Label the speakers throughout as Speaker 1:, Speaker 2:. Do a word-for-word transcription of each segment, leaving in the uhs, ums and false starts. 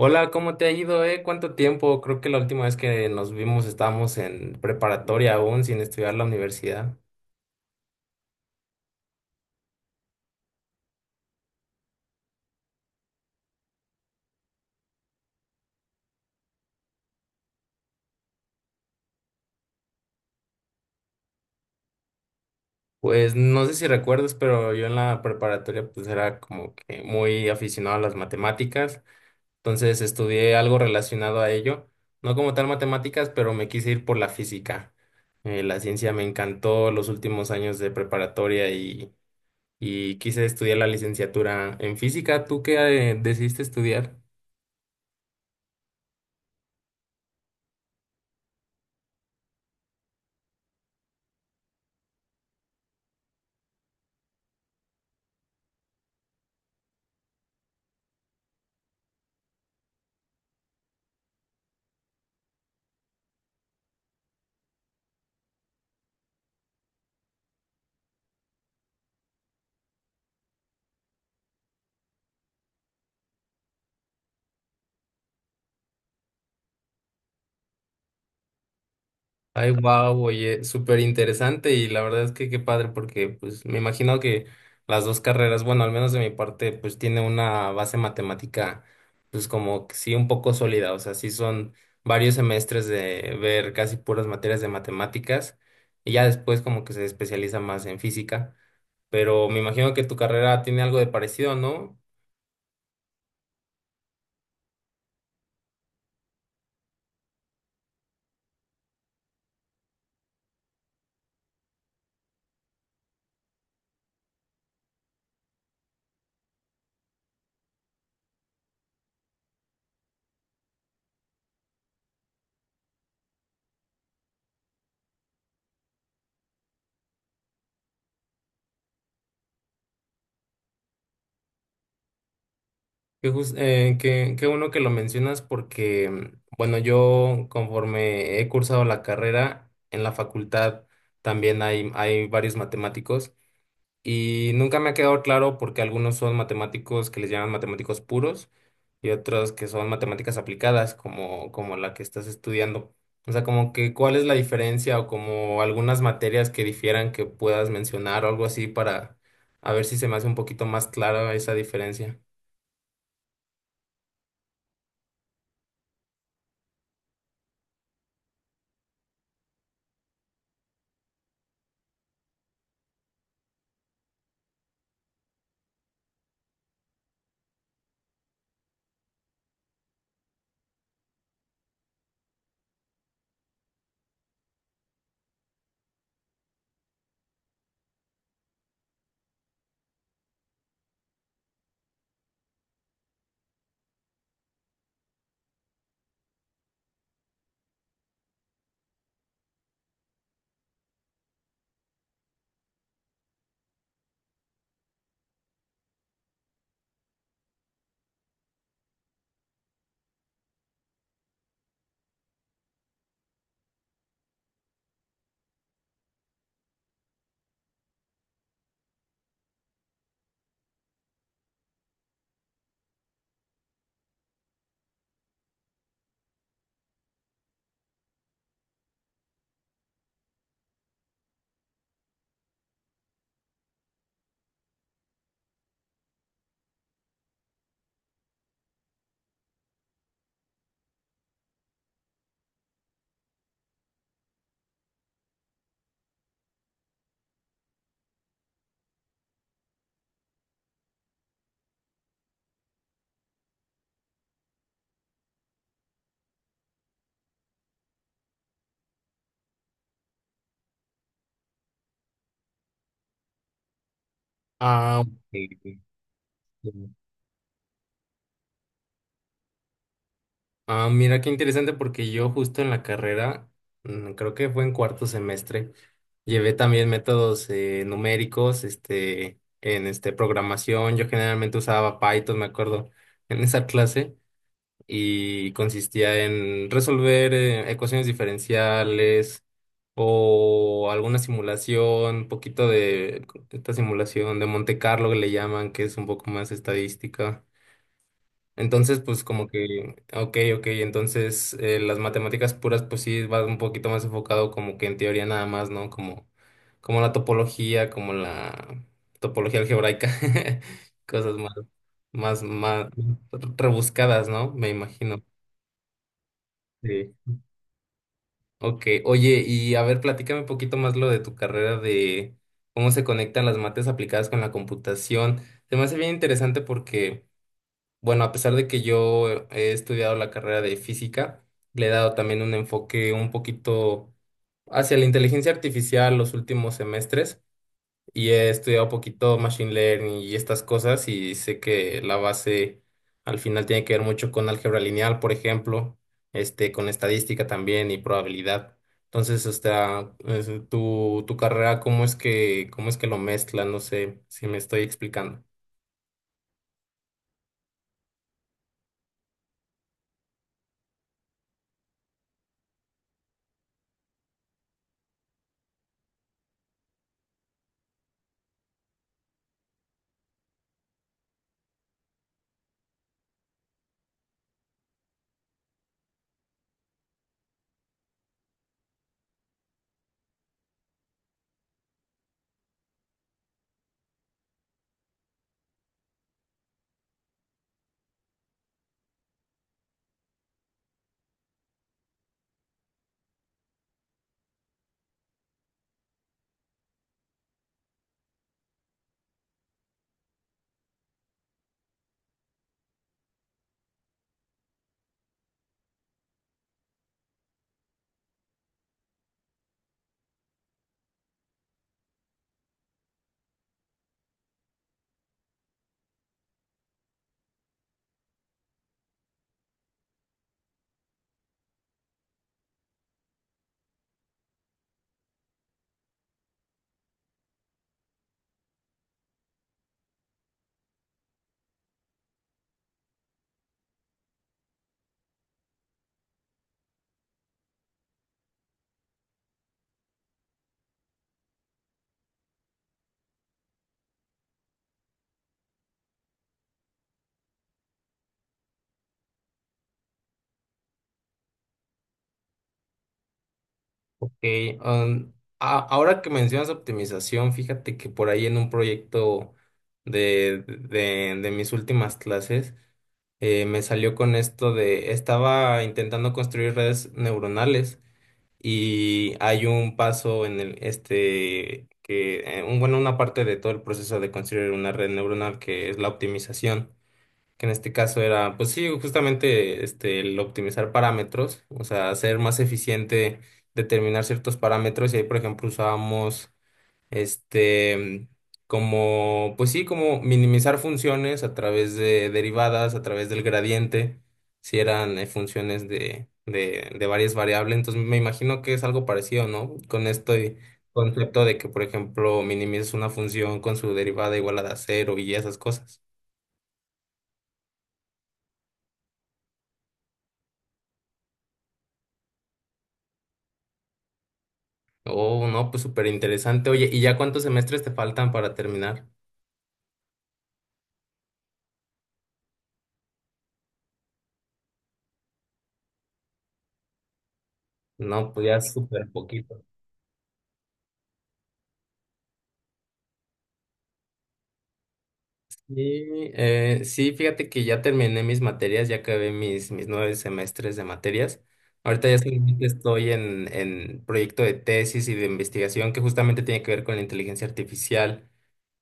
Speaker 1: Hola, ¿cómo te ha ido, eh? ¿Cuánto tiempo? Creo que la última vez que nos vimos estábamos en preparatoria aún sin estudiar la universidad. Pues no sé si recuerdas, pero yo en la preparatoria pues era como que muy aficionado a las matemáticas, entonces estudié algo relacionado a ello, no como tal matemáticas, pero me quise ir por la física. Eh, la ciencia me encantó los últimos años de preparatoria y, y quise estudiar la licenciatura en física. ¿Tú qué eh, decidiste estudiar? Ay, wow, oye, súper interesante y la verdad es que qué padre porque pues me imagino que las dos carreras, bueno, al menos de mi parte, pues tiene una base matemática pues como que sí un poco sólida, o sea, sí son varios semestres de ver casi puras materias de matemáticas y ya después como que se especializa más en física, pero me imagino que tu carrera tiene algo de parecido, ¿no? Qué, jus- eh, qué- qué bueno que lo mencionas porque, mm, bueno, yo conforme he cursado la carrera en la facultad también hay, hay varios matemáticos y nunca me ha quedado claro porque algunos son matemáticos que les llaman matemáticos puros y otros que son matemáticas aplicadas como, como la que estás estudiando. O sea, como que cuál es la diferencia o como algunas materias que difieran que puedas mencionar o algo así para a ver si se me hace un poquito más clara esa diferencia. Ah, ok. Ah, mira qué interesante porque yo justo en la carrera, mm, creo que fue en cuarto semestre, llevé también métodos eh, numéricos, este, en este programación. Yo generalmente usaba Python, me acuerdo, en esa clase y consistía en resolver eh, ecuaciones diferenciales o alguna simulación, un poquito de esta simulación de Monte Carlo que le llaman, que es un poco más estadística. Entonces, pues como que, ok, ok, entonces eh, las matemáticas puras, pues sí, va un poquito más enfocado como que en teoría nada más, ¿no? Como, como la topología, como la topología algebraica, cosas más, más, más rebuscadas, ¿no? Me imagino. Sí. Ok, oye, y a ver, platícame un poquito más lo de tu carrera de cómo se conectan las mates aplicadas con la computación. Se me hace bien interesante porque bueno, a pesar de que yo he estudiado la carrera de física, le he dado también un enfoque un poquito hacia la inteligencia artificial los últimos semestres y he estudiado un poquito machine learning y estas cosas y sé que la base al final tiene que ver mucho con álgebra lineal, por ejemplo, este, con estadística también y probabilidad. Entonces, hasta tu, tu carrera, ¿cómo es que, cómo es que lo mezcla? No sé si me estoy explicando. Ok, um, a- ahora que mencionas optimización, fíjate que por ahí en un proyecto de, de, de mis últimas clases eh, me salió con esto de, estaba intentando construir redes neuronales y hay un paso en el, este, que, eh, un- bueno, una parte de todo el proceso de construir una red neuronal que es la optimización que en este caso era, pues sí, justamente este, el optimizar parámetros, o sea, hacer más eficiente determinar ciertos parámetros y ahí, por ejemplo, usábamos este como, pues sí, como minimizar funciones a través de derivadas, a través del gradiente, si eran eh, funciones de, de, de varias variables, entonces me imagino que es algo parecido, ¿no? Con este concepto de que, por ejemplo, minimizas una función con su derivada igual a cero y esas cosas. Oh, no, pues súper interesante. Oye, ¿y ya cuántos semestres te faltan para terminar? No, pues ya súper poquito. Y, eh, sí, fíjate que ya terminé mis materias, ya acabé mis, mis nueve semestres de materias. Ahorita ya solamente estoy en, en proyecto de tesis y de investigación que justamente tiene que ver con la inteligencia artificial.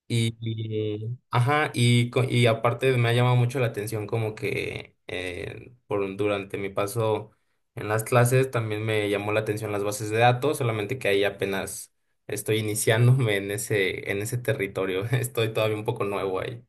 Speaker 1: Y, y- ajá, y, co- y aparte me ha llamado mucho la atención como que eh, por, durante mi paso en las clases también me llamó la atención las bases de datos, solamente que ahí apenas estoy iniciándome en ese, en ese territorio, estoy todavía un poco nuevo ahí.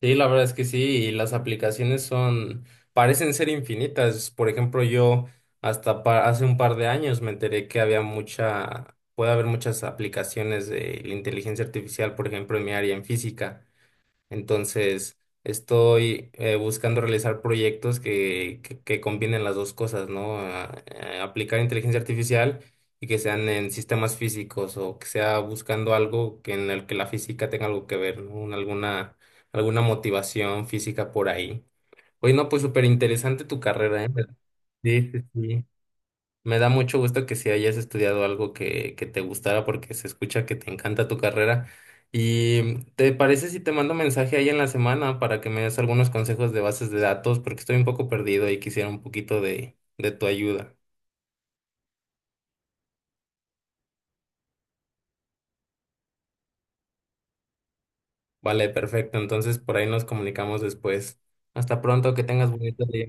Speaker 1: Sí, la verdad es que sí, y las aplicaciones son, parecen ser infinitas. Por ejemplo, yo hasta pa- hace un par de años me enteré que había mucha, puede haber muchas aplicaciones de la inteligencia artificial, por ejemplo, en mi área en física. Entonces, estoy eh, buscando realizar proyectos que, que, que combinen las dos cosas, ¿no? A- eh, aplicar inteligencia artificial y que sean en sistemas físicos o que sea buscando algo que en el que la física tenga algo que ver, ¿no? Una- Alguna, alguna motivación física por ahí. Oye, no, pues súper interesante tu carrera, ¿eh? Sí, sí, sí. Me da mucho gusto que si hayas estudiado algo que, que te gustara porque se escucha que te encanta tu carrera. ¿Y te parece si te mando mensaje ahí en la semana para que me des algunos consejos de bases de datos? Porque estoy un poco perdido y quisiera un poquito de, de tu ayuda. Vale, perfecto. Entonces por ahí nos comunicamos después. Hasta pronto, que tengas bonito día.